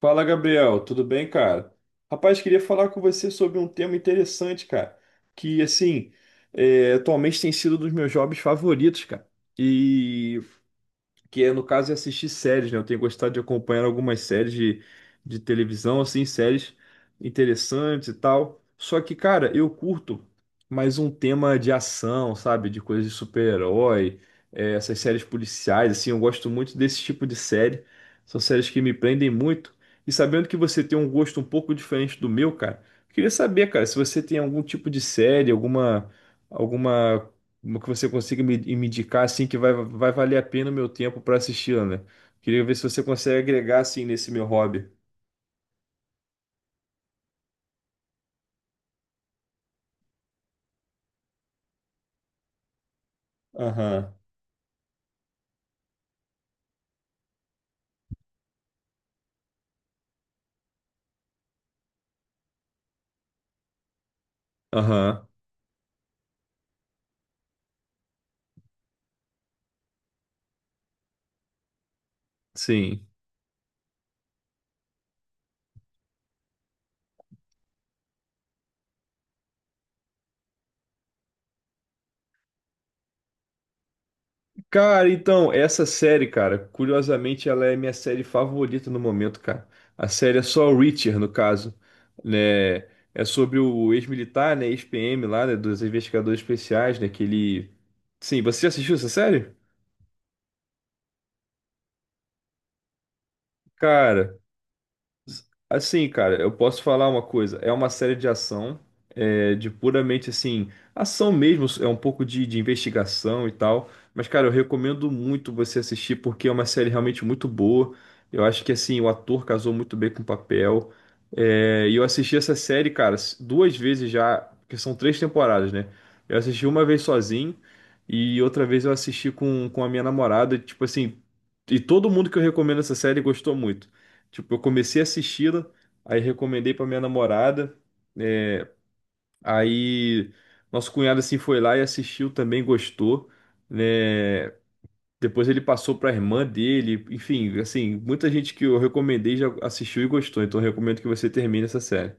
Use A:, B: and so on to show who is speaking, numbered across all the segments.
A: Fala, Gabriel, tudo bem, cara? Rapaz, queria falar com você sobre um tema interessante, cara, que, assim, atualmente tem sido um dos meus hobbies favoritos, cara. E que é no caso é assistir séries, né? Eu tenho gostado de acompanhar algumas séries de televisão, assim, séries interessantes e tal. Só que, cara, eu curto mais um tema de ação, sabe? De coisa de super-herói, essas séries policiais, assim, eu gosto muito desse tipo de série. São séries que me prendem muito. E sabendo que você tem um gosto um pouco diferente do meu, cara, eu queria saber, cara, se você tem algum tipo de série, alguma. Alguma uma que você consiga me indicar assim que vai valer a pena o meu tempo para assisti-la, né? Queria ver se você consegue agregar assim nesse meu hobby. Aham. Aham. Sim. Cara, então, essa série, cara, curiosamente ela é minha série favorita no momento, cara. A série é só Reacher, no caso, né? É sobre o ex-militar, né, ex-PM lá, né, dos investigadores especiais, né, que ele... Sim, você já assistiu essa série? Cara, Assim, cara, eu posso falar uma coisa. É uma série de ação, de puramente assim, ação mesmo, é um pouco de investigação e tal. Mas, cara, eu recomendo muito você assistir porque é uma série realmente muito boa. Eu acho que assim, o ator casou muito bem com o papel. É, e eu assisti essa série, cara, duas vezes já, porque são três temporadas, né? Eu assisti uma vez sozinho e outra vez eu assisti com a minha namorada, tipo assim, e todo mundo que eu recomendo essa série gostou muito. Tipo, eu comecei a assisti-la, aí recomendei pra minha namorada. É, aí Nosso cunhado assim foi lá e assistiu também, gostou, né? Depois ele passou pra irmã dele, enfim, assim, muita gente que eu recomendei já assistiu e gostou, então eu recomendo que você termine essa série.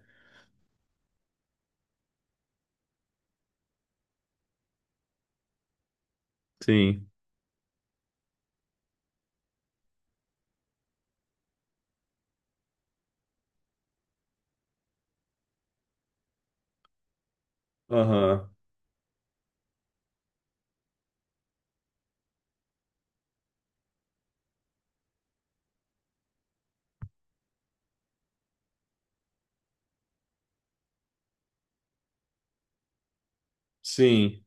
A: Sim. Aham. Sim.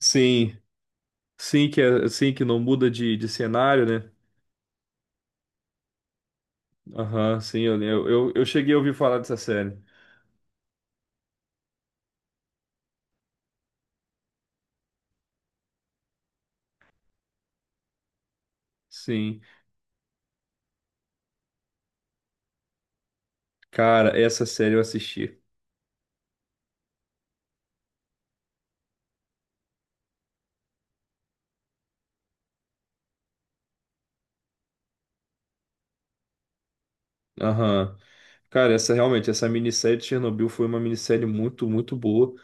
A: Sim. Sim que é, sim que não muda de cenário, né? Aham, sim, eu cheguei a ouvir falar dessa série. Sim. Cara, essa série eu assisti. Aham. Cara, essa realmente, essa minissérie de Chernobyl foi uma minissérie muito, muito boa.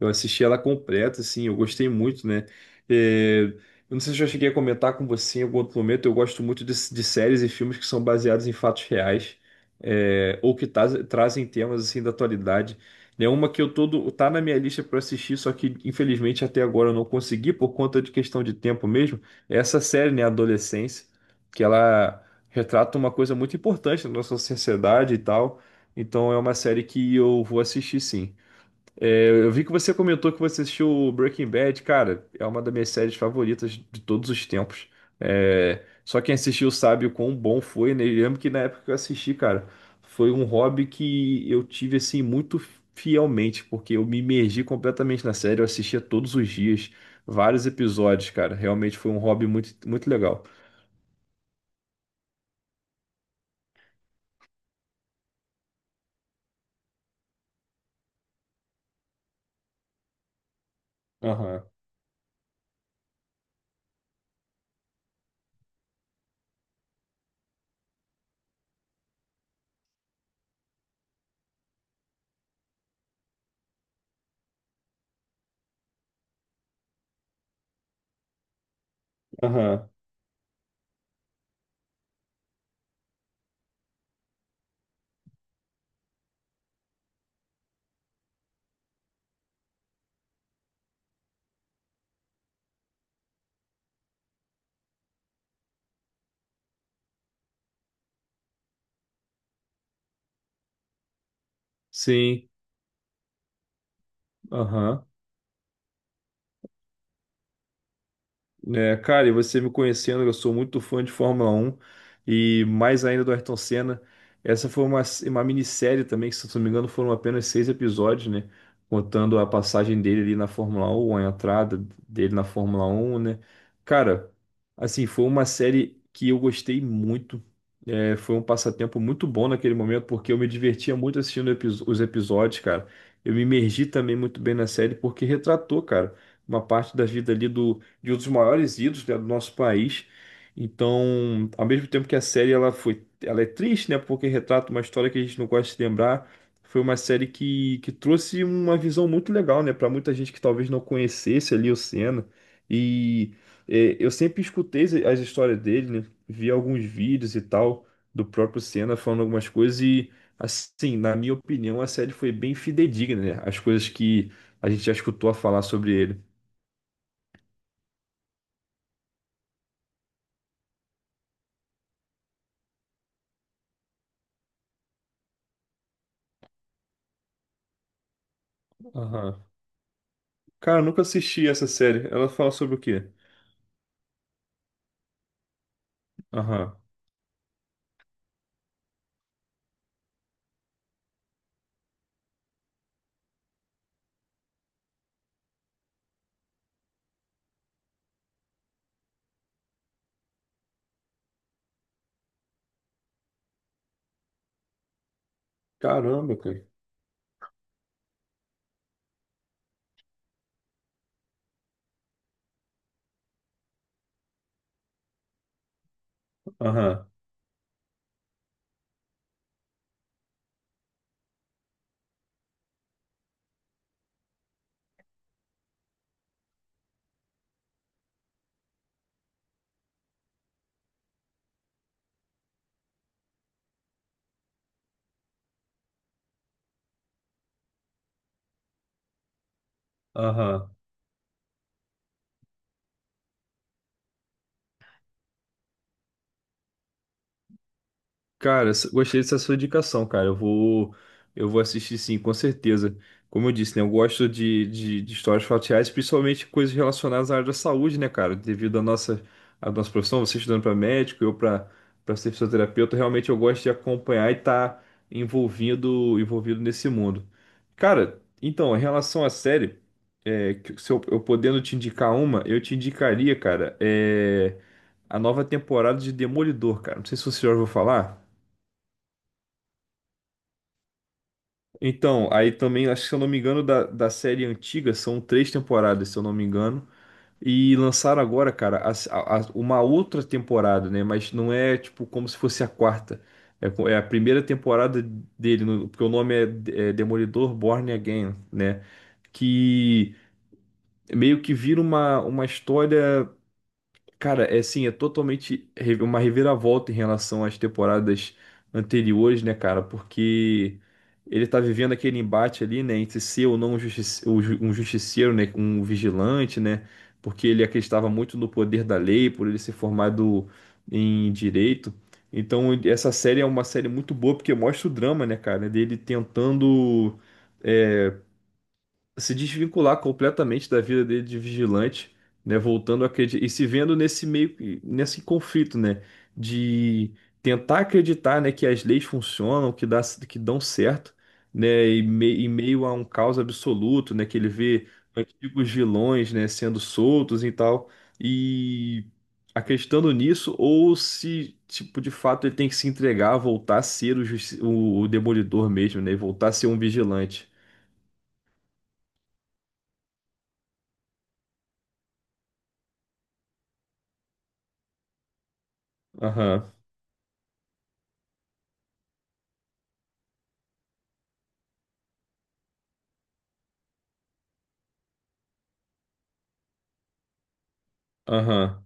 A: Eu assisti ela completa, assim, eu gostei muito, né? É, eu não sei se eu já cheguei a comentar com você em algum outro momento, eu gosto muito de séries e filmes que são baseados em fatos reais, ou que trazem temas, assim, da atualidade. É uma que eu todo, tá na minha lista para assistir, só que infelizmente até agora eu não consegui por conta de questão de tempo mesmo. É essa série, né, Adolescência, que ela retrata uma coisa muito importante na nossa sociedade e tal. Então é uma série que eu vou assistir sim. É, eu vi que você comentou que você assistiu Breaking Bad, cara, é uma das minhas séries favoritas de todos os tempos. É, só quem assistiu sabe o quão bom foi, né? Eu lembro que na época que eu assisti, cara, foi um hobby que eu tive assim muito fielmente, porque eu me imergi completamente na série, eu assistia todos os dias, vários episódios, cara. Realmente foi um hobby muito, muito legal. Aham, aham. Sim. Aham. É, cara, e você me conhecendo, eu sou muito fã de Fórmula 1 e mais ainda do Ayrton Senna. Essa foi uma minissérie também, que se eu não me engano foram apenas seis episódios, né? Contando a passagem dele ali na Fórmula 1, a entrada dele na Fórmula 1, né? Cara, assim, foi uma série que eu gostei muito. É, foi um passatempo muito bom naquele momento, porque eu me divertia muito assistindo os episódios, cara. Eu me imergi também muito bem na série, porque retratou, cara, uma parte da vida ali de um dos maiores ídolos, né, do nosso país. Então, ao mesmo tempo que a série ela foi, ela é triste, né, porque retrata uma história que a gente não gosta de lembrar, foi uma série que trouxe uma visão muito legal, né, para muita gente que talvez não conhecesse ali o Senna. E eu sempre escutei as histórias dele, né, vi alguns vídeos e tal do próprio Senna falando algumas coisas e assim, na minha opinião, a série foi bem fidedigna, né, as coisas que a gente já escutou a falar sobre ele. Aham. Cara, eu nunca assisti essa série. Ela fala sobre o quê? Aham. Caramba, cara. Aham. Aham. Cara, gostei dessa sua indicação, cara. Eu vou assistir sim, com certeza. Como eu disse, né? Eu gosto de histórias fatiais, principalmente coisas relacionadas à área da saúde, né, cara? Devido à à nossa profissão, você estudando para médico, eu para ser fisioterapeuta, realmente eu gosto de acompanhar e estar envolvido nesse mundo. Cara, então, em relação à série, se eu podendo te indicar uma, eu te indicaria, cara, a nova temporada de Demolidor, cara. Não sei se você já ouviu falar. Então, aí também, acho que se eu não me engano, da série antiga, são três temporadas, se eu não me engano. E lançaram agora, cara, uma outra temporada, né? Mas não é, tipo, como se fosse a quarta. É, é a primeira temporada dele, porque o nome é Demolidor Born Again, né? Que meio que vira uma história. Cara, é assim, é totalmente uma reviravolta em relação às temporadas anteriores, né, cara? Porque ele tá vivendo aquele embate ali, né, entre ser ou não um um justiceiro, né, um vigilante, né? Porque ele acreditava muito no poder da lei, por ele ser formado em direito. Então, essa série é uma série muito boa porque mostra o drama, né, cara, dele tentando eh, se desvincular completamente da vida dele de vigilante, né, voltando a acreditar e se vendo nesse meio nesse conflito, né, de tentar acreditar, né, que as leis funcionam, que dão certo, né, e, em meio a um caos absoluto, né, que ele vê antigos vilões, né, sendo soltos e tal, e acreditando nisso ou se tipo de fato ele tem que se entregar, voltar a ser o demolidor mesmo, né, e voltar a ser um vigilante. Aham. Aham.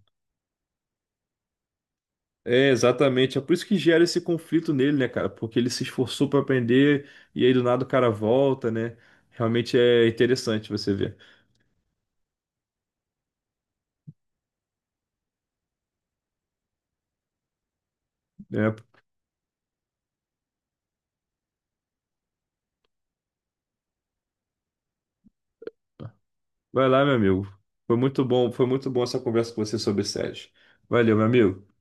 A: É, exatamente. É por isso que gera esse conflito nele, né, cara? Porque ele se esforçou pra aprender e aí do nada o cara volta, né? Realmente é interessante você ver. É, vai lá, meu amigo. Foi muito bom essa conversa com você sobre séries. Valeu, meu amigo.